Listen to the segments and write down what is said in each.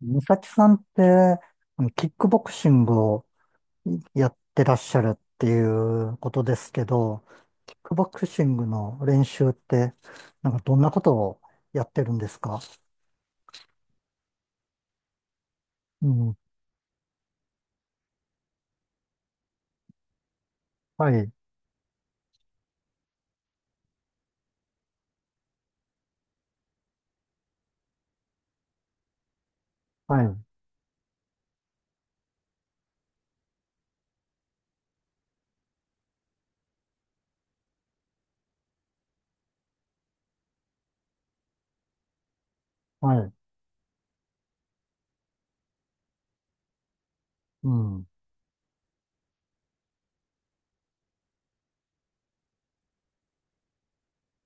美咲さんって、キックボクシングをやってらっしゃるっていうことですけど、キックボクシングの練習って、なんかどんなことをやってるんですか？うん。はい、はい、はい、うん、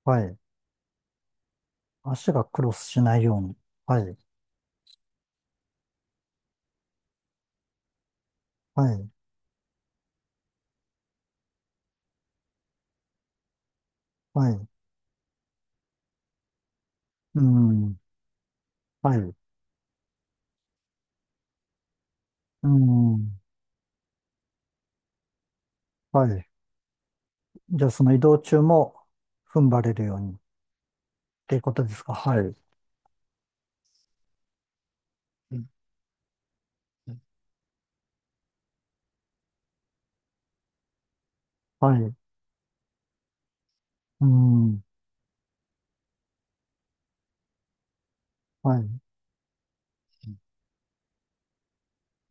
はい。足がクロスしないように。はい、はい、はい、うん、はい、うん、はい。じゃあその移動中も踏ん張れるようにっていうことですか？はい。うんはい。うん。はい。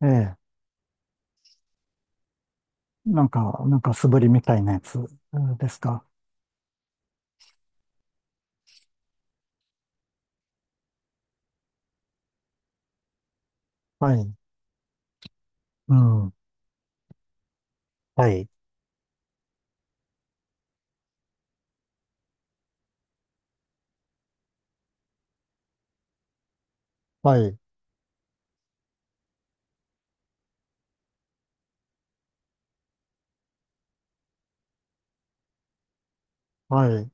ええ。なんか素振りみたいなやつですか？はい。うん。はい。はい。はい。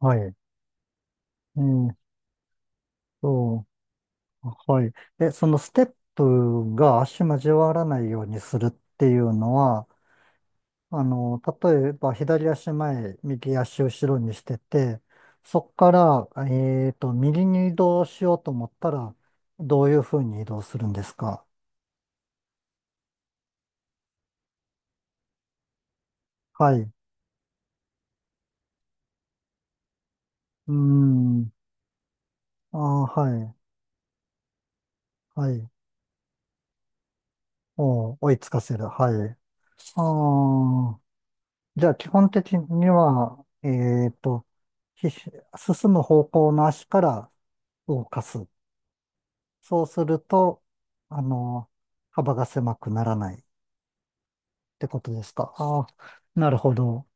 はい。ーっと、はい。そのステップが足交わらないようにするっていうのは、例えば左足前、右足後ろにしてて、そこから、右に移動しようと思ったら、どういうふうに移動するんですか？はい。うーん。あー、はい。はい。お追いつかせる。はい。ああ。じゃあ、基本的には、進む方向の足から動かす。そうすると、あの、幅が狭くならないってことですか？ああ、なるほど。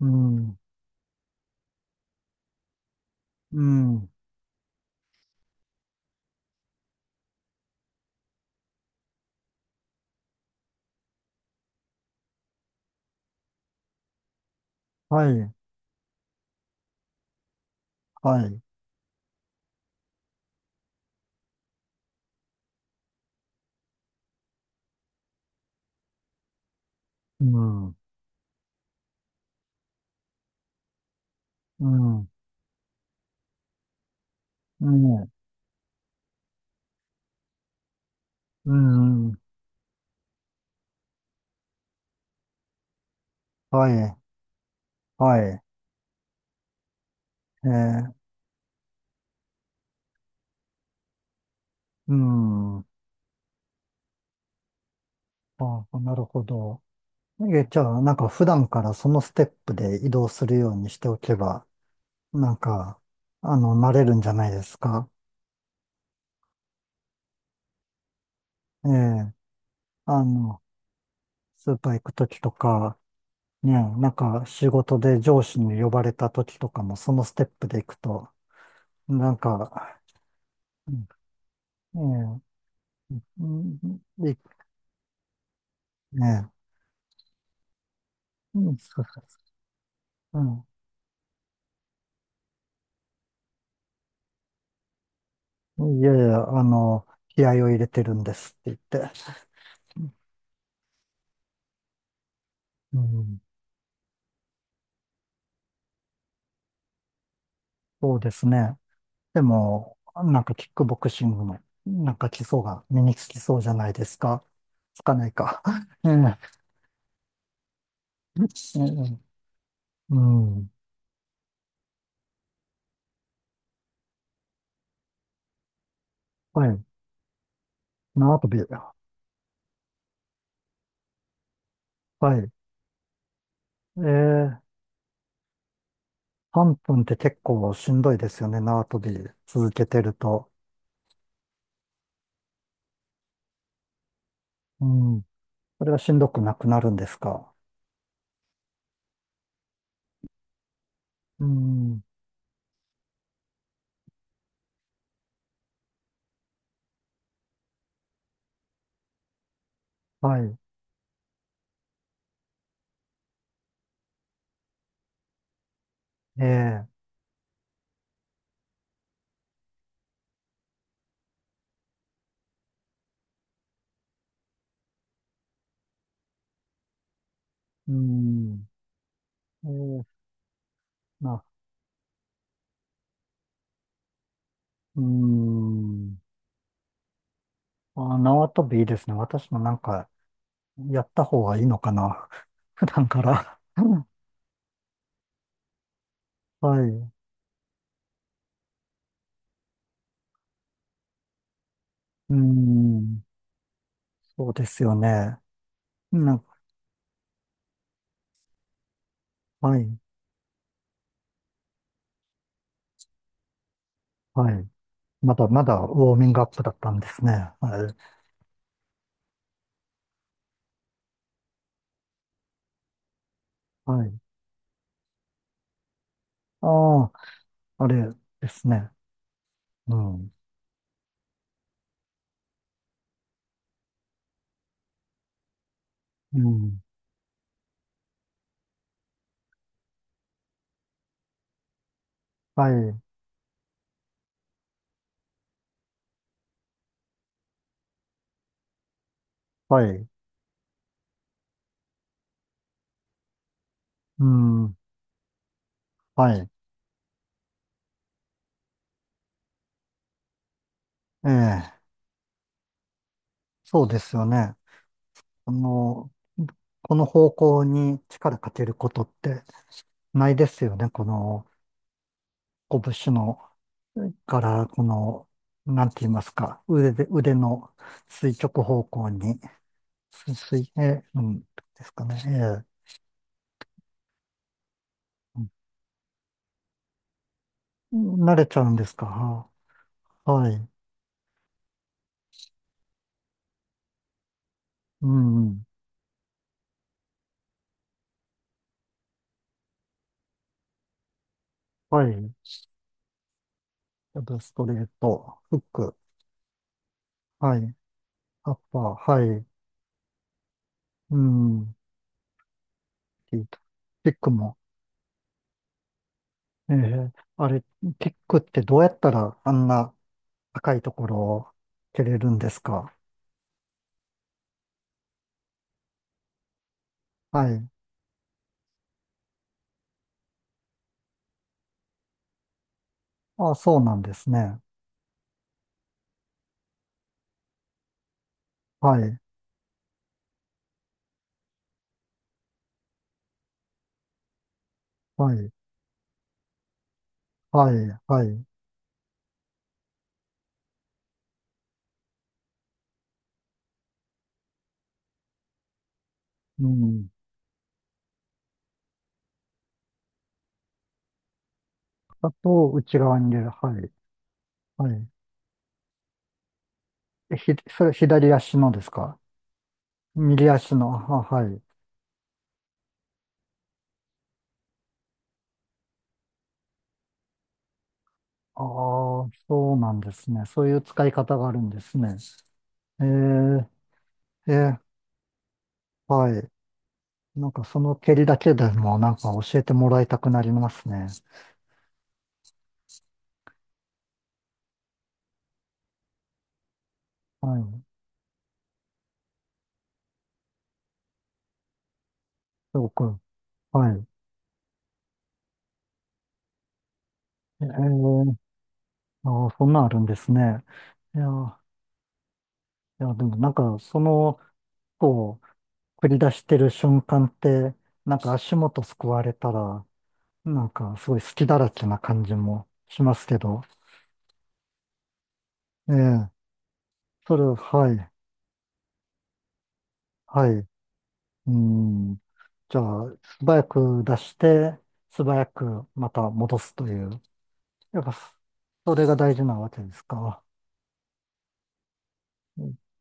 うん、うん、はい、はい、うん、うん、うん、うん、はい、はい、えー、うん、ああ、なるほど。じゃあ、なんか普段からそのステップで移動するようにしておけば、なんか、慣れるんじゃないですか？ええ、あの、スーパー行くときとか、ね、なんか仕事で上司に呼ばれたときとかもそのステップで行くと、なんか、うんええ、うんいねえ、うん、そうそう、うん、いやいや、気合を入れてるんですって言って、うん、そうですね。でも、なんかキックボクシングの、なんか基礎が身につきそうじゃないですか？つかないか。ええ、ええうん。はい。縄跳び。はい。ええ、分って結構しんどいですよね。縄跳び続けてると。うん。それがしんどくなくなるんですか？うん。はい。ええ、うん。ええ、な、うん。あ、縄跳びいいですね。私もなんか、やった方がいいのかな。普段から。はい。うーん。そうですよね。なんか、はい。はい。まだまだウォーミングアップだったんですね。はい。はい。ああ、あれですね。うん。うん。はい。はい。うん。はい。ええ。そうですよね。あの、この方向に力かけることってないですよね。この、拳のから、この、なんて言いますか、腕で、腕の垂直方向に、す水、うん、ですかね。ええうん慣れちゃうんですか？ははい。うん。はい。あとストレート、フック、はい。アッパー、はい。うん。キックキックも。ええあれ、キックってどうやったらあんな高いところを蹴れるんですか？はい。あ、そうなんですね。はい。はい。はい。はい。うん。あと、内側に入れる。はい。はい。それ左足のですか？右足の。あ、はい。ああ、そうなんですね。そういう使い方があるんですね。えー、えーはい。なんかその蹴りだけでもなんか教えてもらいたくなりますね。はい。すごく。はい。えー、ああ、そんなんあるんですね。いや、いや、でもなんかその、こう、繰り出してる瞬間って、なんか足元すくわれたら、なんか、すごい隙だらけな感じもしますけど、ええ、それ、はい、はい、うん。じゃあ、素早く出して、素早くまた戻すという、やっぱ、それが大事なわけですか？え